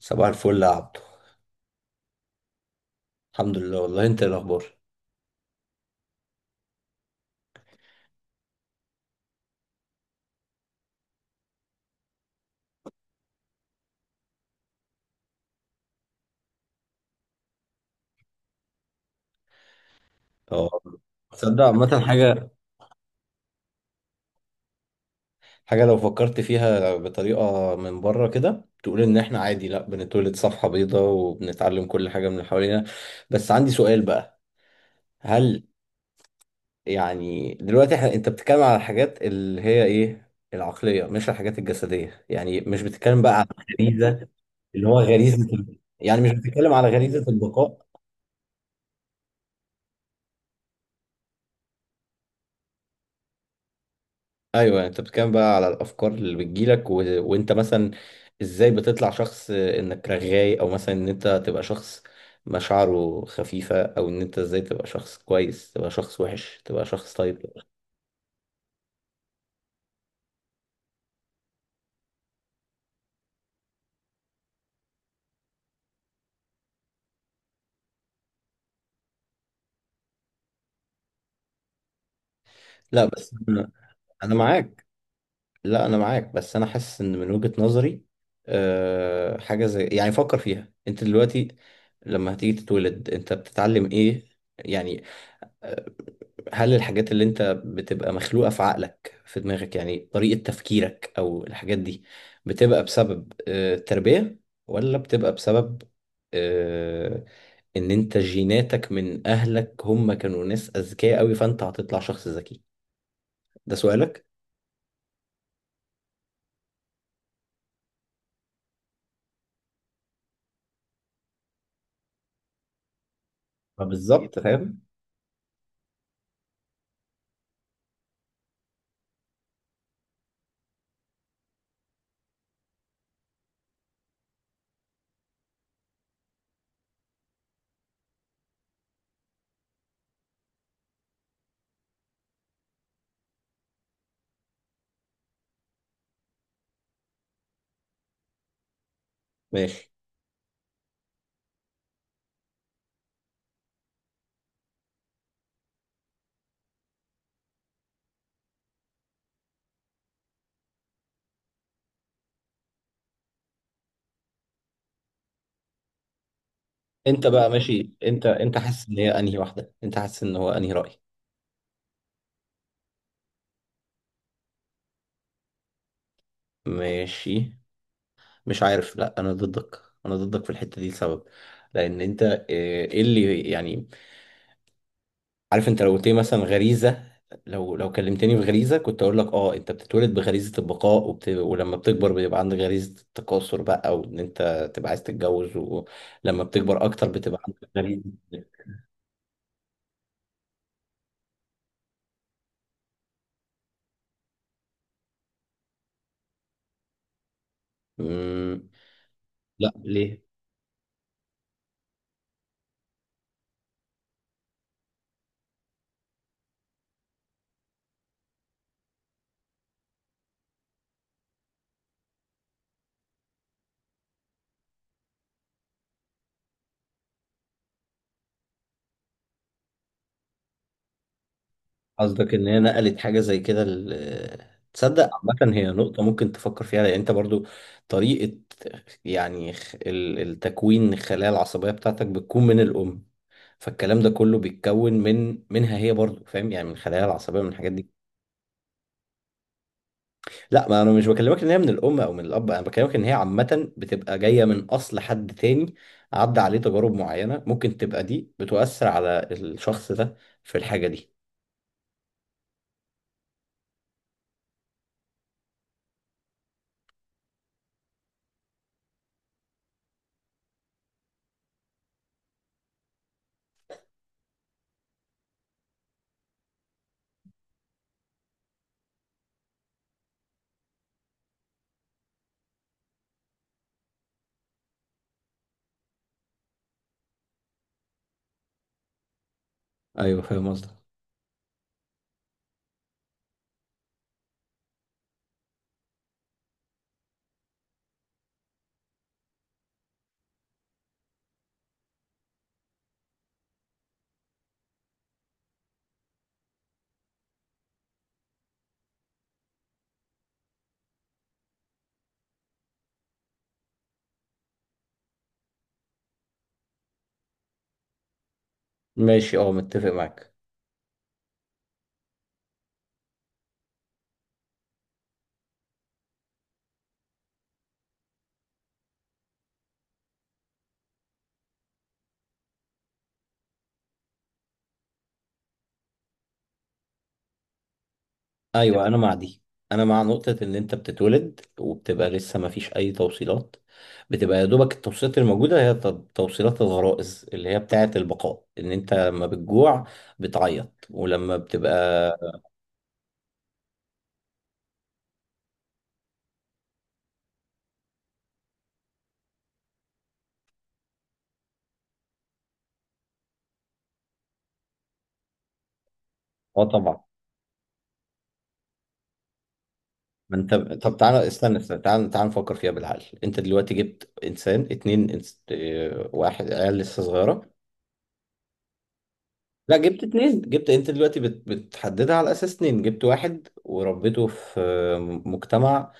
صباح الفل يا عبدو. الحمد لله والله، انت ايه الاخبار؟ اه، تصدق عامة الحمد لله حاجة لو فكرت فيها بطريقة من بره كده تقول ان احنا عادي، لا بنتولد صفحة بيضاء وبنتعلم كل حاجة من اللي حوالينا. بس عندي سؤال بقى. هل يعني دلوقتي احنا، انت بتتكلم على الحاجات اللي هي ايه، العقلية مش الحاجات الجسدية، يعني مش بتتكلم بقى على الغريزة؟ اللي هو غريزة يعني مش بتتكلم على غريزة البقاء. ايوه يعني انت بتتكلم بقى على الافكار اللي بتجيلك وانت مثلا ازاي بتطلع شخص انك رغاي، او مثلا ان انت تبقى شخص مشاعره خفيفه، او ان انت ازاي تبقى شخص كويس، تبقى شخص وحش، تبقى شخص طيب. لا بس أنا معاك. لا انا معاك بس انا حاسس ان من وجهة نظري. حاجه زي يعني فكر فيها انت دلوقتي، لما هتيجي تتولد انت بتتعلم ايه؟ يعني هل الحاجات اللي انت بتبقى مخلوقة في عقلك في دماغك، يعني طريقة تفكيرك او الحاجات دي، بتبقى بسبب التربية ولا بتبقى بسبب آه، ان انت جيناتك من اهلك، هم كانوا ناس اذكياء قوي، فانت هتطلع شخص ذكي. ده سؤالك. ما بالظبط فاهم. ماشي. انت بقى ماشي، انت حاسس ان هي انهي واحدة، انت حاسس ان هو انهي رأي؟ ماشي، مش عارف. لا انا ضدك. انا ضدك في الحتة دي لسبب. لان انت، ايه اللي يعني، عارف انت لو قلت لي مثلا غريزه. لو كلمتني بغريزه كنت اقول لك اه انت بتتولد بغريزه البقاء ولما بتكبر بيبقى عندك غريزه التكاثر بقى، وان انت تبقى عايز تتجوز، ولما بتكبر اكتر بتبقى عندك غريزه. مم. لا ليه. قصدك ان هي نقلت حاجه زي كده تصدق عامة هي نقطة ممكن تفكر فيها، لأن أنت برضو طريقة، يعني التكوين الخلايا العصبية بتاعتك بتكون من الأم، فالكلام ده كله بيتكون منها هي برضو فاهم، يعني من الخلايا العصبيه، من الحاجات دي. لا ما انا مش بكلمك ان هي من الام او من الاب، انا بكلمك ان هي عامه بتبقى جايه من اصل حد تاني. عدى عليه تجارب معينه، ممكن تبقى دي بتؤثر على الشخص ده في الحاجه دي. ايوه فاهم قصدك. ماشي اه، متفق معاك. ايوه انا مع دي. انا مع نقطة ان انت بتتولد وبتبقى لسه ما فيش اي توصيلات. بتبقى يا دوبك التوصيلات الموجودة هي توصيلات الغرائز اللي هي بتاعة البقاء، ان انت لما بتجوع بتعيط، ولما بتبقى. اه طبعا. ما انت طب تعالى استنى استنى تعالى تعالى نفكر فيها بالعقل. انت دلوقتي جبت انسان اتنين انس... اه، واحد عيال لسه صغيرة. لا جبت اتنين. جبت انت دلوقتي بتحددها على اساس اتنين. جبت واحد وربيته في مجتمع،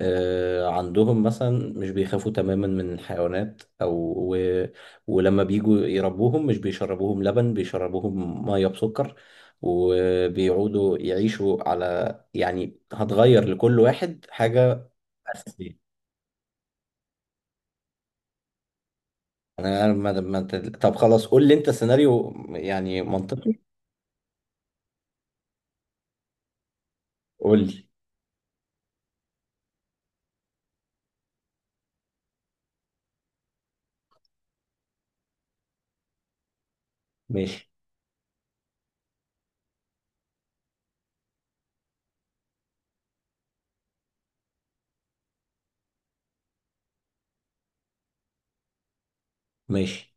عندهم مثلا مش بيخافوا تماما من الحيوانات و... ولما بيجوا يربوهم مش بيشربوهم لبن، بيشربوهم ميه بسكر، وبيقعدوا يعيشوا على، يعني هتغير لكل واحد حاجه اساسيه. أنا ما... ما... أنت- طب خلاص قول لي انت سيناريو يعني منطقي. قول لي. ماشي ماشي.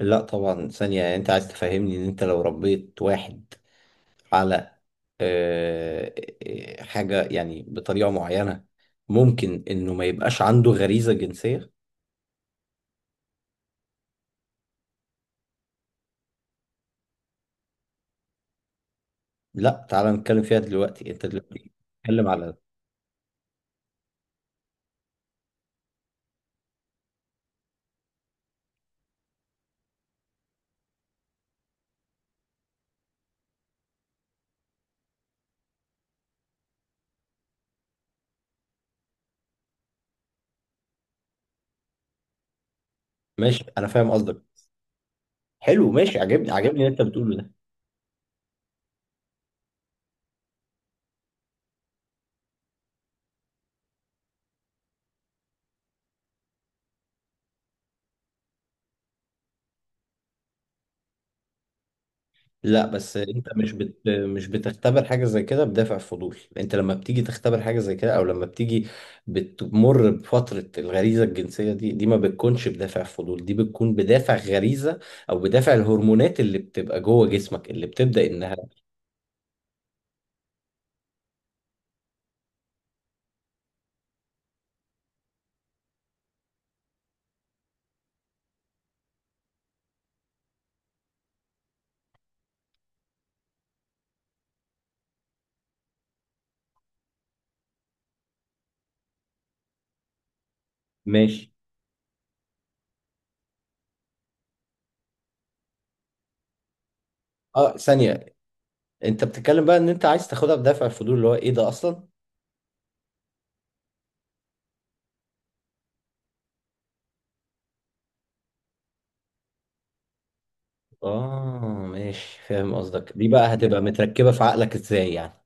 لا طبعا ثانية، انت عايز تفهمني ان انت لو ربيت واحد على آه، حاجة يعني بطريقة معينة، ممكن إنه ما يبقاش عنده غريزة جنسية؟ لا تعالى نتكلم فيها دلوقتي. أنت دلوقتي بتتكلم على. ماشي، أنا فاهم قصدك. حلو ماشي، عجبني اللي أنت بتقوله. لا بس انت مش بتختبر حاجه زي كده بدافع فضول. انت لما بتيجي تختبر حاجه زي كده، او لما بتيجي بتمر بفتره الغريزه الجنسيه دي، دي ما بتكونش بدافع فضول، دي بتكون بدافع غريزه، او بدافع الهرمونات اللي بتبقى جوه جسمك اللي بتبدا انها. ماشي اه ثانيه. انت بتتكلم بقى ان انت عايز تاخدها بدافع الفضول اللي هو ايه ده اصلا؟ اه، ماشي فاهم قصدك. دي بقى هتبقى متركبه في عقلك ازاي يعني؟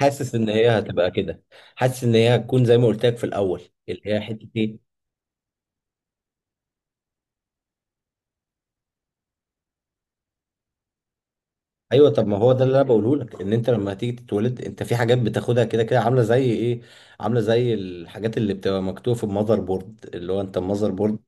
حاسس ان هي هتبقى كده. حاسس ان هي هتكون زي ما قلت لك في الاول، اللي هي حته ايه. ايوه طب ما هو ده اللي انا بقوله لك، ان انت لما هتيجي تتولد انت في حاجات بتاخدها كده كده عامله زي ايه؟ عامله زي الحاجات اللي بتبقى مكتوبه في المذر بورد اللي هو انت المذر بورد.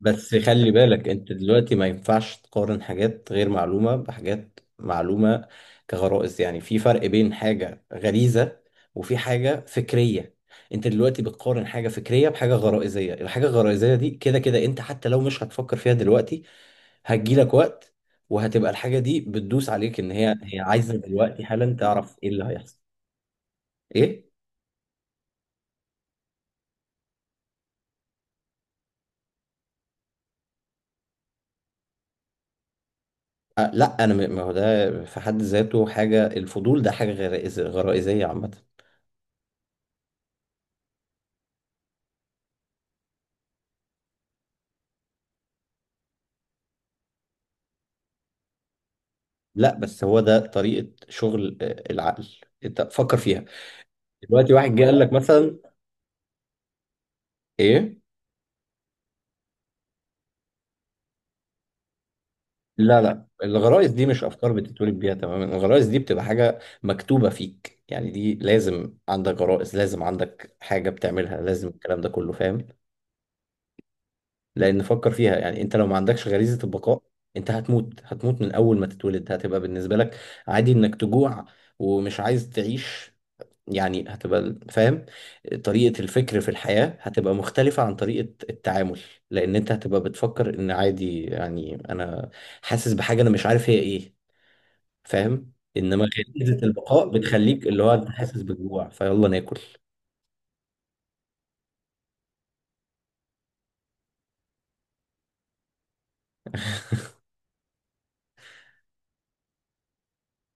بس خلي بالك، انت دلوقتي ما ينفعش تقارن حاجات غير معلومة بحاجات معلومة كغرائز، يعني في فرق بين حاجة غريزة وفي حاجة فكرية. انت دلوقتي بتقارن حاجة فكرية بحاجة غرائزية، الحاجة الغرائزية دي كده كده انت حتى لو مش هتفكر فيها دلوقتي هتجيلك وقت، وهتبقى الحاجة دي بتدوس عليك ان هي عايزة دلوقتي حالا تعرف ايه اللي هيحصل. ايه؟ أه، لا انا ما هو ده في حد ذاته حاجة، الفضول ده حاجة غرائزية عامة. لا بس هو ده طريقة شغل العقل. انت فكر فيها دلوقتي واحد جه قال لك مثلا ايه. لا لا الغرائز دي مش افكار بتتولد بيها تماما. الغرائز دي بتبقى حاجة مكتوبة فيك، يعني دي لازم عندك غرائز، لازم عندك حاجة بتعملها، لازم الكلام ده كله فاهم. لان فكر فيها يعني، انت لو ما عندكش غريزة البقاء انت هتموت، هتموت من اول ما تتولد. هتبقى بالنسبة لك عادي انك تجوع ومش عايز تعيش. يعني هتبقى فاهم طريقة الفكر في الحياة هتبقى مختلفة عن طريقة التعامل. لأن أنت هتبقى بتفكر إن عادي يعني أنا حاسس بحاجة، أنا مش عارف هي إيه. فاهم، إنما غريزة البقاء بتخليك اللي هو أنت حاسس بالجوع فيلا ناكل.